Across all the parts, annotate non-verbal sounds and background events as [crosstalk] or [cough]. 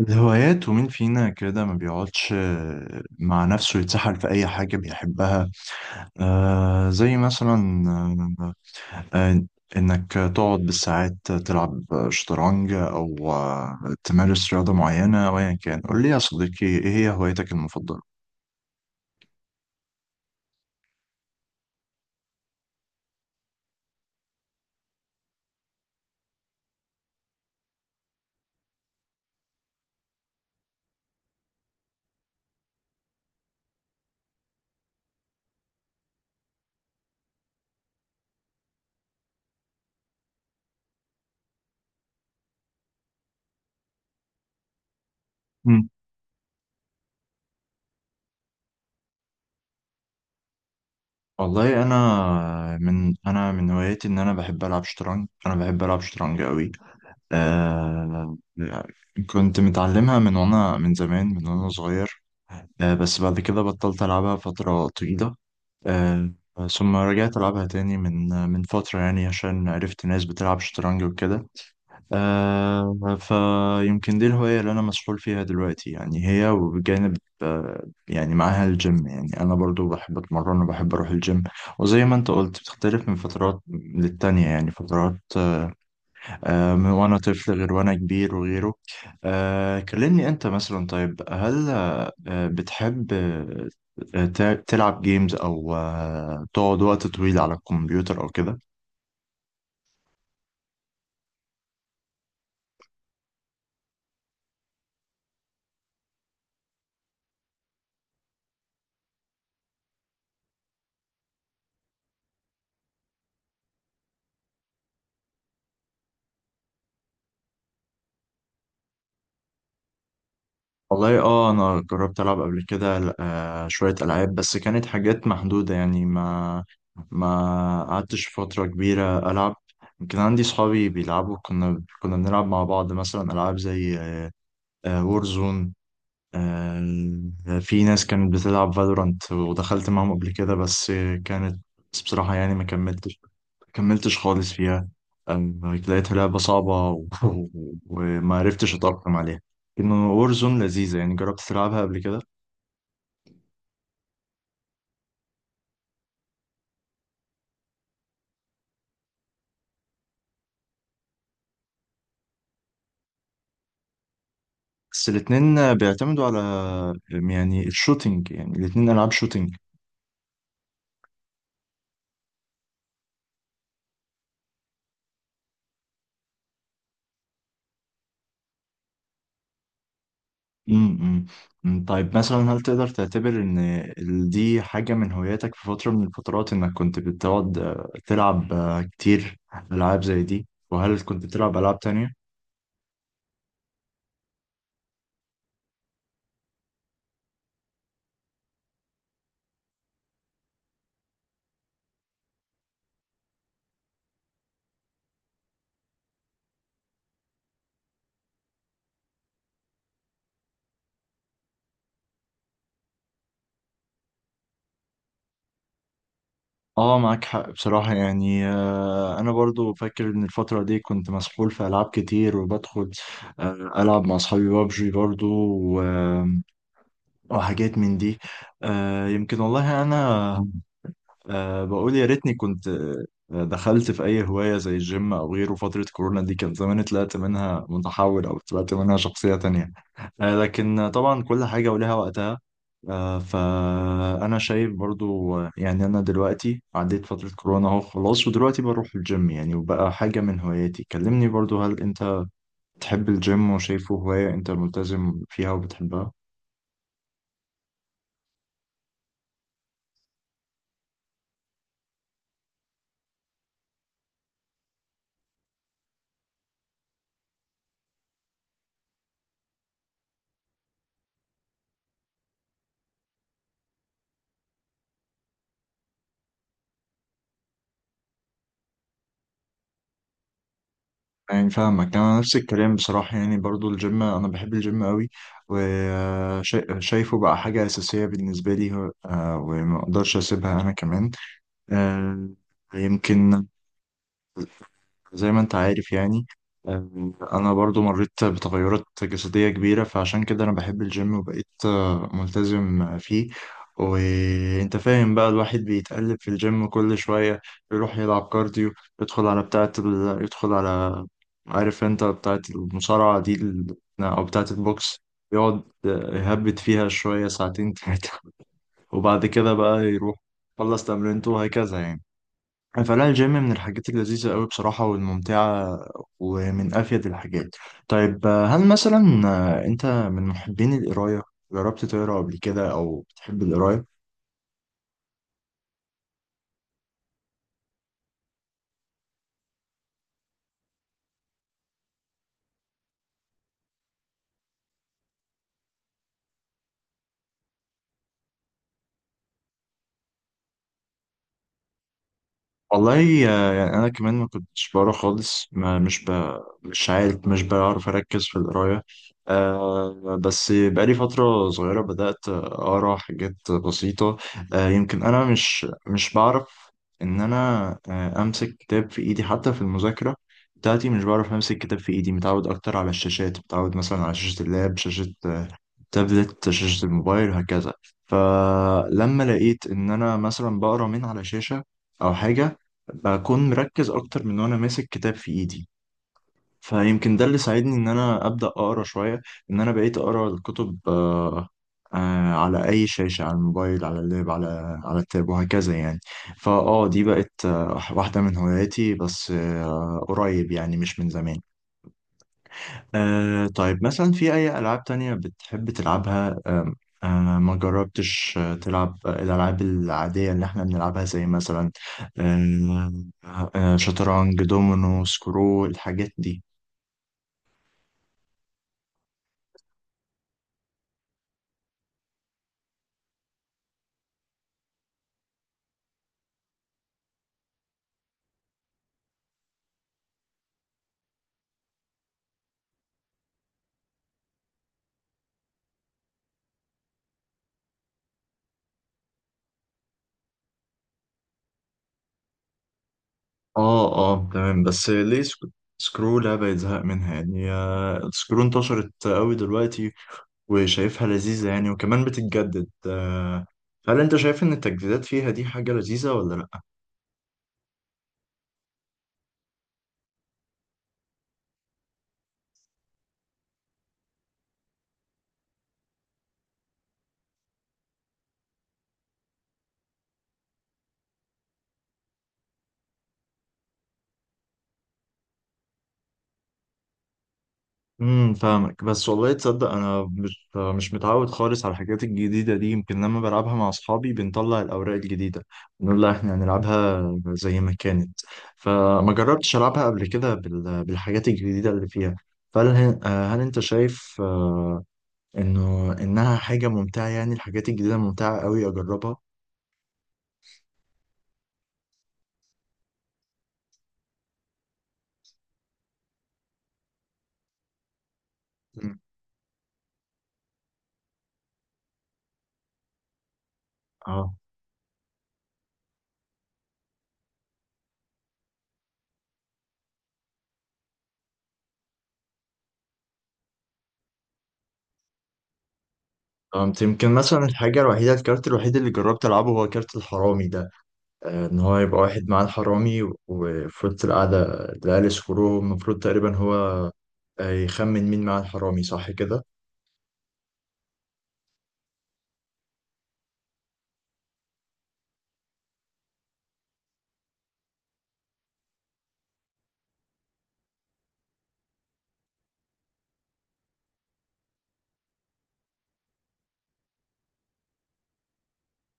الهوايات ومين فينا كده ما بيقعدش مع نفسه يتسحل في أي حاجة بيحبها. زي مثلا. آه آه، إنك تقعد بالساعات تلعب شطرنج أو تمارس رياضة معينة، أو أيا كان. قول لي يا صديقي، إيه هي هوايتك المفضلة؟ مم. والله، أنا من، أنا من هواياتي إن أنا بحب ألعب شطرنج. أنا بحب ألعب شطرنج أوي. آه كنت متعلمها من وأنا من زمان، من وأنا صغير. بس بعد كده بطلت ألعبها فترة طويلة. آه، ثم رجعت ألعبها تاني من فترة، يعني عشان عرفت ناس بتلعب شطرنج وكده. فيمكن دي الهواية اللي أنا مسحول فيها دلوقتي يعني، هي. وبجانب يعني معاها الجيم، يعني أنا برضو بحب أتمرن وبحب أروح الجيم. وزي ما أنت قلت، بتختلف من فترات للتانية، يعني فترات، من وأنا طفل غير وأنا كبير وغيره. كلمني أنت مثلا، طيب هل بتحب آه، ت- تلعب جيمز، أو تقعد وقت طويل على الكمبيوتر أو كده؟ والله، اه، انا جربت العب قبل كده. شويه العاب، بس كانت حاجات محدوده، يعني ما قعدتش فتره كبيره العب. يمكن عندي صحابي بيلعبوا، كنا بنلعب مع بعض مثلا العاب زي وورزون. في ناس كانت بتلعب فالورانت ودخلت معاهم قبل كده. بس كانت بصراحة، يعني ما كملتش خالص فيها. آه، لقيتها لعبة صعبة [laughs] وما عرفتش أتأقلم عليها. إنه وورزون لذيذة، يعني جربت تلعبها قبل كده؟ بس الاتنين بيعتمدوا على، يعني الشوتينج، يعني الاتنين ألعاب شوتينج. امم. أمم. طيب مثلا، هل تقدر تعتبر ان دي حاجة من هواياتك؟ في فترة من الفترات انك كنت بتقعد تلعب كتير العاب زي دي؟ وهل كنت بتلعب العاب تانية؟ اه، معاك حق بصراحة. يعني انا برضو فاكر ان الفترة دي كنت مسحول في العاب كتير، وبدخل العب مع اصحابي بابجي برضو و- وحاجات من دي. يمكن والله انا، بقول يا ريتني كنت دخلت في أي هواية زي الجيم أو غيره فترة كورونا دي، كان زماني طلعت منها متحول، أو طلعت منها شخصية تانية. لكن طبعا كل حاجة ولها وقتها. فأنا شايف برضو، يعني أنا دلوقتي عديت فترة كورونا أهو، خلاص. ودلوقتي بروح الجيم يعني، وبقى حاجة من هواياتي. كلمني برضو، هل أنت تحب الجيم وشايفه هواية أنت ملتزم فيها وبتحبها؟ يعني فاهمك، انا نفس الكلام بصراحه. يعني برضو الجيم، انا بحب الجيم قوي، وشايفه بقى حاجه اساسيه بالنسبه لي. وما اقدرش اسيبها انا كمان. آه، يمكن زي ما انت عارف يعني، انا برضو مريت بتغيرات جسدية كبيرة، فعشان كده انا بحب الجيم، وبقيت ملتزم فيه. وانت فاهم بقى، الواحد بيتقلب في الجيم كل شوية. يروح يلعب كارديو، يدخل على، عارف انت، بتاعة المصارعة دي، او بتاعة البوكس. يقعد يهبد فيها شوية ساعتين تلاتة، [laughs] وبعد كده بقى يروح، خلص تمرينته، وهكذا يعني. فلا، الجيم من الحاجات اللذيذة قوي بصراحة والممتعة، ومن أفيد الحاجات. طيب، هل مثلا، أنت من محبين القراية؟ جربت تقرا قبل كده أو بتحب القراية؟ والله، يعني انا كمان ما كنتش بقرا خالص. ما مش ب... مش عارف، مش بعرف اركز في القرايه. بس بقالي فتره صغيره بدات اقرا حاجات بسيطه. يمكن انا مش بعرف ان انا امسك كتاب في ايدي، حتى في المذاكره بتاعتي مش بعرف امسك كتاب في ايدي. متعود اكتر على الشاشات، متعود مثلا على شاشه اللاب، شاشه تابلت، شاشة الموبايل، وهكذا. فلما لقيت إن أنا مثلا بقرا من على شاشة أو حاجة، بكون مركز أكتر من وأنا ماسك كتاب في إيدي. فيمكن ده اللي ساعدني إن أنا أبدأ أقرا شوية، إن أنا بقيت أقرا الكتب. على أي شاشة، على الموبايل، على اللاب، على التاب، وهكذا يعني. فأه، دي بقت واحدة من هواياتي. بس قريب، يعني مش من زمان. طيب مثلا، في أي ألعاب تانية بتحب تلعبها؟ آه ما جربتش تلعب الألعاب العادية اللي احنا بنلعبها، زي مثلا آه شطرنج، دومينو، سكرو، الحاجات دي؟ اه، اه، تمام. بس ليه سكرو لعبة يتزهق منها يعني؟ سكرو انتشرت قوي دلوقتي، وشايفها لذيذة يعني، وكمان بتتجدد. هل انت شايف ان التجديدات فيها دي حاجة لذيذة ولا لأ؟ امم، فاهمك. بس والله تصدق، انا مش متعود خالص على الحاجات الجديده دي. يمكن لما بلعبها مع اصحابي، بنطلع الاوراق الجديده نقول لها احنا هنلعبها زي ما كانت. فما جربتش العبها قبل كده بالحاجات الجديده اللي فيها. فهل آه، هل انت شايف انها حاجه ممتعه، يعني الحاجات الجديده ممتعه قوي، اجربها؟ مم. اه، فهمت. يمكن مثلا الحاجه الوحيده الكارت الوحيد اللي جربت العبه هو كارت الحرامي ده. ان هو يبقى واحد معاه الحرامي، وفي وسط القعده العيال يسكروه. المفروض تقريبا هو يخمن مين معاه الحرامي، صح كده؟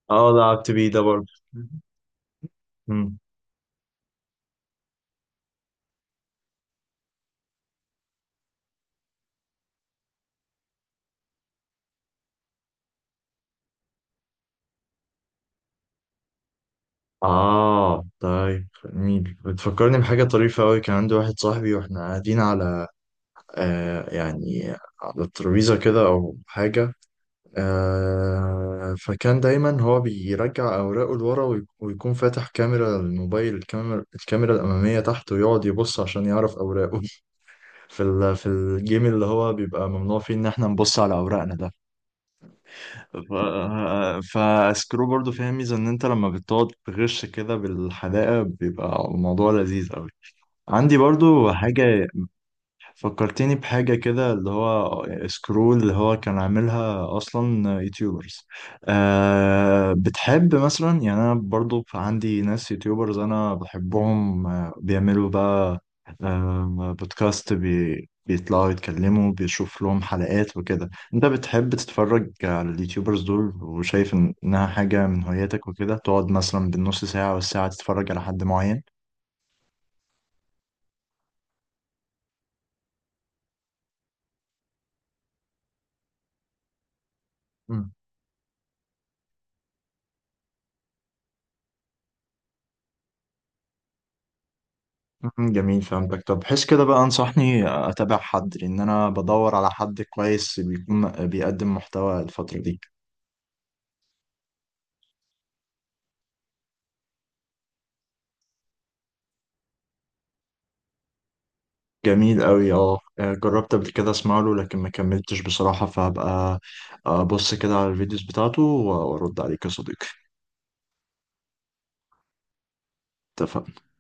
اه، لعبت بيه ده برضه. مم. اه، طيب جميل. بتفكرني بحاجه طريفه قوي. كان عندي واحد صاحبي، واحنا قاعدين على يعني على الترابيزه كده او حاجه. فكان دايما هو بيرجع اوراقه لورا، ويكون فاتح كاميرا الموبايل، الكاميرا الاماميه تحت، ويقعد يبص عشان يعرف اوراقه في الجيم، اللي هو بيبقى ممنوع فيه ان احنا نبص على اوراقنا ده. ف... فسكرو برضو فيها ميزة، ان انت لما بتقعد تغش كده بالحدائق، بيبقى الموضوع لذيذ قوي. عندي برضو حاجة فكرتني بحاجة كده، اللي هو سكرول، اللي هو كان عاملها أصلا يوتيوبرز. بتحب مثلا، يعني أنا برضو عندي ناس يوتيوبرز أنا بحبهم، بيعملوا بقى بودكاست، بيطلعوا يتكلموا، بيشوف لهم حلقات وكده. أنت بتحب تتفرج على اليوتيوبرز دول، وشايف إنها حاجة من هواياتك، وكده تقعد مثلا بالنص ساعة والساعة تتفرج على حد معين؟ مم، جميل، فهمتك. طب بحيث كده بقى، انصحني اتابع حد، لان انا بدور على حد كويس بيكون بيقدم محتوى الفترة دي. جميل قوي. اه، جربت قبل كده اسمع له، لكن ما كملتش بصراحة. فهبقى ابص كده على الفيديوز بتاعته، وارد عليك يا صديقي. اتفقنا.